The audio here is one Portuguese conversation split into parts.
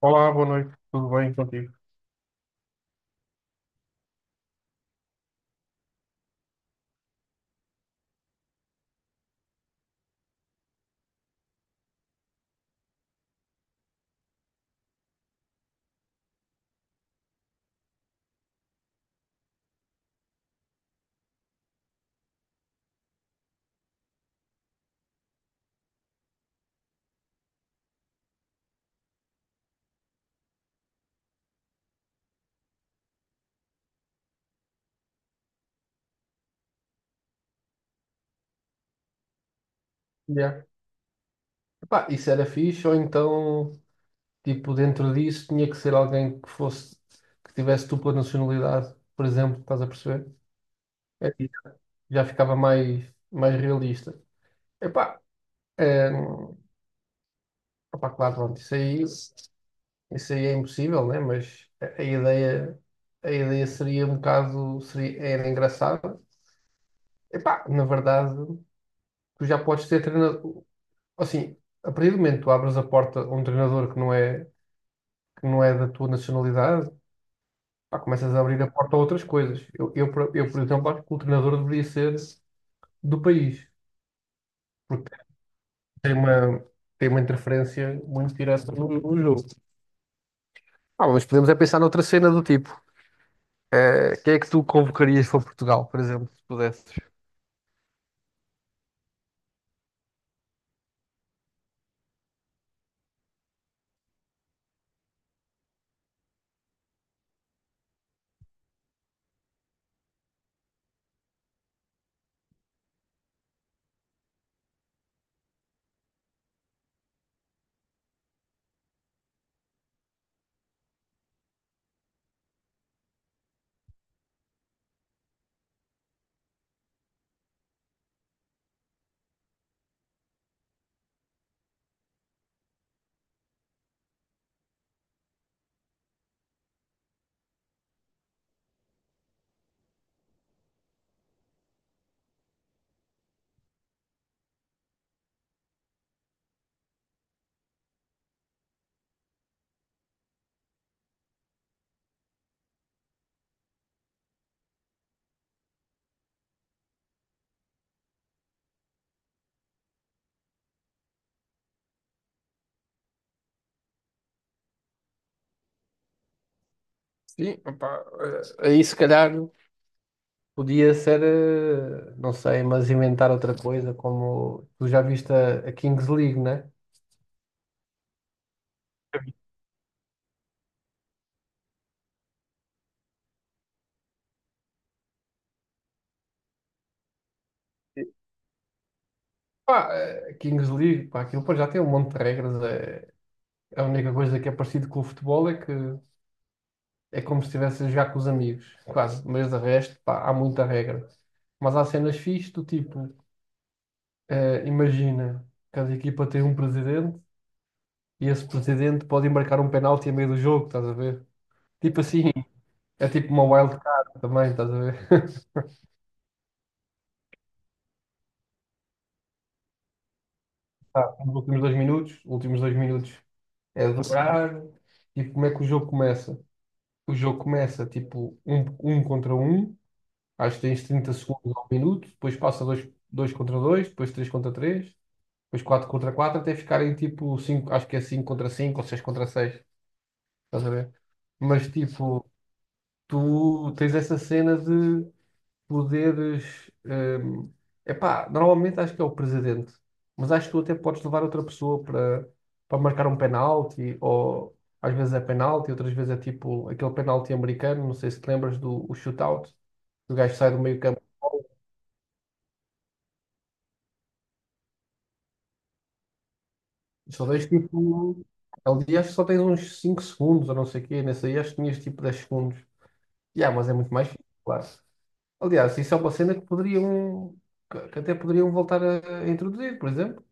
Olá, boa noite, tudo bem contigo? Yeah. Epá, isso era fixe, ou então, tipo, dentro disso tinha que ser alguém que fosse, que tivesse dupla nacionalidade, por exemplo, estás a perceber? É, já ficava mais realista. Epá, é, opá, claro, pronto, isso aí é impossível, né? Mas a ideia seria um bocado, seria, era engraçada. Epá, na verdade, tu já podes ter treinador, assim, a partir do momento que tu abres a porta a um treinador que não é da tua nacionalidade, pá, começas a abrir a porta a outras coisas. Eu, por exemplo, acho que o treinador deveria ser do país, porque tem uma, tem uma interferência muito direta no jogo. Ah, mas podemos é pensar noutra cena do tipo. Quem é que tu convocarias para Portugal, por exemplo, se pudesses? Sim, opá, aí se calhar. Podia ser, não sei, mas inventar outra coisa, como tu já viste a Kings League, né? Pá, a Kings League, pá, aquilo pá, já tem um monte de regras. É, a única coisa que é parecido com o futebol é que é como se estivesse a jogar com os amigos, quase. Mas de resto, pá, há muita regra. Mas há cenas fixes do tipo, imagina, cada equipa tem um presidente e esse presidente pode embarcar um penalti a meio do jogo, estás a ver? Tipo assim, é tipo uma wild card também, estás a ver? Nos últimos dois minutos é dobrar. E como é que o jogo começa? O jogo começa tipo um contra um, acho que tens 30 segundos ao minuto, depois passa dois contra dois, depois três contra três, depois quatro contra quatro, até ficarem tipo cinco, acho que é cinco contra cinco ou seis contra seis, estás a ver? Mas tipo, tu tens essa cena de poderes. Epá, normalmente acho que é o presidente, mas acho que tu até podes levar outra pessoa para, para marcar um penalti, ou às vezes é penalti, outras vezes é tipo aquele penalti americano, não sei se te lembras do o shootout, que o gajo sai do meio campo. Só tens tipo. Ali acho que só tens uns 5 segundos, ou não sei o quê, nesse aí acho que tinhas tipo 10 segundos. Yeah, mas é muito mais fixe, claro. Aliás, isso é uma cena que poderiam. Que até poderiam voltar a introduzir, por exemplo.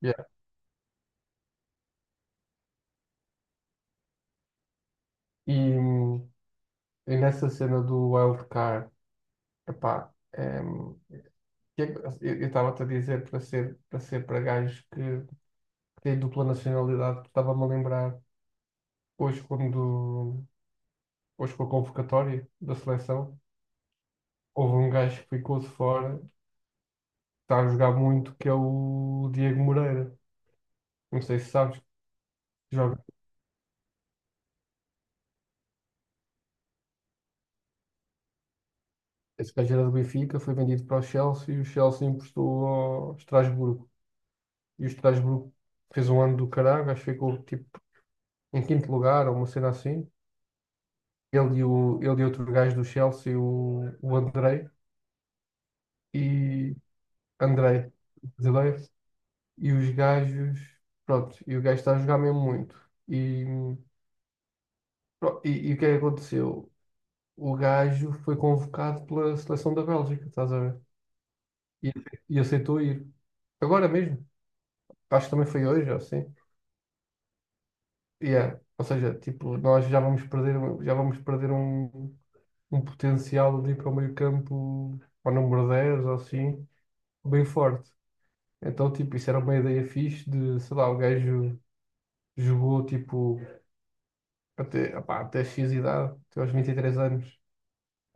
Yeah. E, E nessa cena do wildcard, epá, em, assim, eu estava-te a dizer para ser para gajos que têm dupla nacionalidade, estava-me a lembrar hoje quando hoje com a convocatória da seleção, houve um gajo que ficou de fora, que está a jogar muito, que é o Diego Moreira. Não sei se sabes, que joga. Esse gajo era do Benfica, foi vendido para o Chelsea e o Chelsea emprestou ao Estrasburgo. E o Estrasburgo fez um ano do caralho, acho que ficou tipo em quinto lugar ou uma cena assim. Ele e outro gajo do Chelsea, o Andrei, e Andrei, brasileiro, e os gajos, pronto, e o gajo está a jogar mesmo muito. E, e o que é que aconteceu? O gajo foi convocado pela seleção da Bélgica, estás a ver? E, e aceitou ir. Agora mesmo, acho que também foi hoje, ou assim. Yeah. Ou seja, tipo, nós já vamos perder um potencial ali para o meio campo, para o número 10 ou assim, bem forte. Então, tipo, isso era uma ideia fixe de, sei lá, o gajo jogou, tipo, até X idade, até aos 23 anos,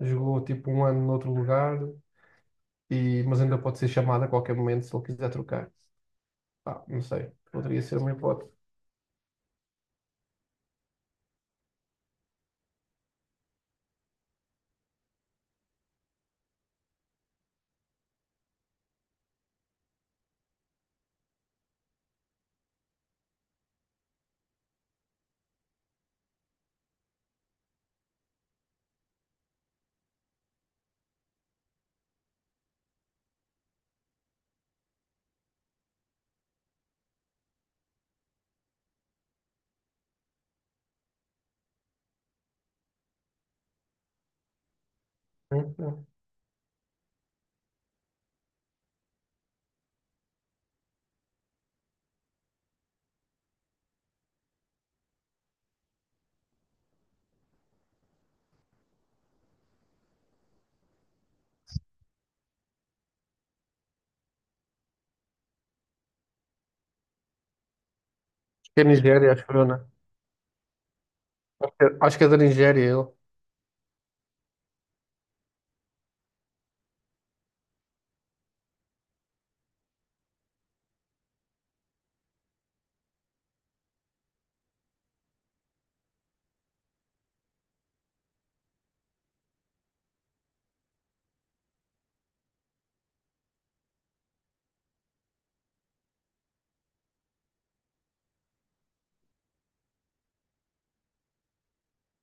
jogou, tipo, um ano noutro lugar, e, mas ainda pode ser chamado a qualquer momento se ele quiser trocar. Pá, não sei, poderia ser uma hipótese. Hum, hum. Acho que é Nigéria, acho que eu, né? Acho que é da Nigéria ele.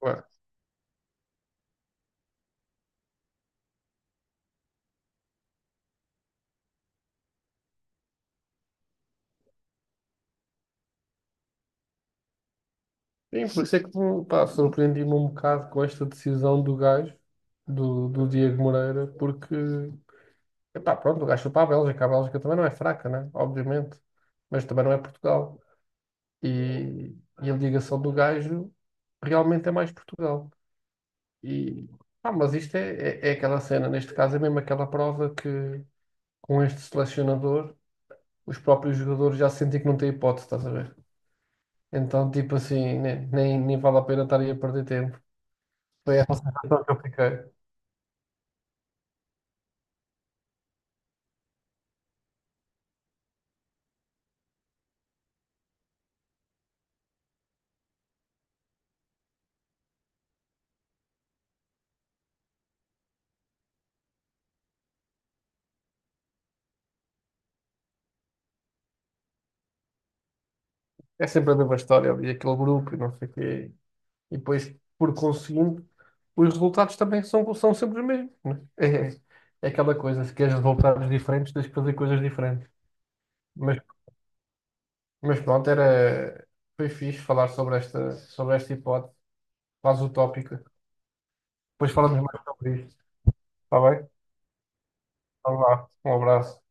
Ué. Sim, por isso é que, pá, surpreendi-me um bocado com esta decisão do gajo, do Diego Moreira, porque epá, pronto, o gajo foi para a Bélgica. A Bélgica também não é fraca, né? Obviamente. Mas também não é Portugal. E, e a ligação do gajo realmente é mais Portugal. E, pá, mas isto é aquela cena. Neste caso é mesmo aquela prova que com este selecionador os próprios jogadores já sentem que não têm hipótese, estás a ver? Então, tipo assim, nem vale a pena estar aí a perder tempo. Foi essa a sensação que eu fiquei. É sempre a mesma história ali, aquele grupo e não sei o quê. E depois, por conseguinte, os resultados também são sempre os mesmos, né? É aquela coisa, se queres resultados diferentes, tens que fazer coisas diferentes. Mas, mas pronto, era, foi fixe falar sobre esta hipótese, quase utópica. Depois falamos mais sobre isto. Está bem? Então vá, um abraço.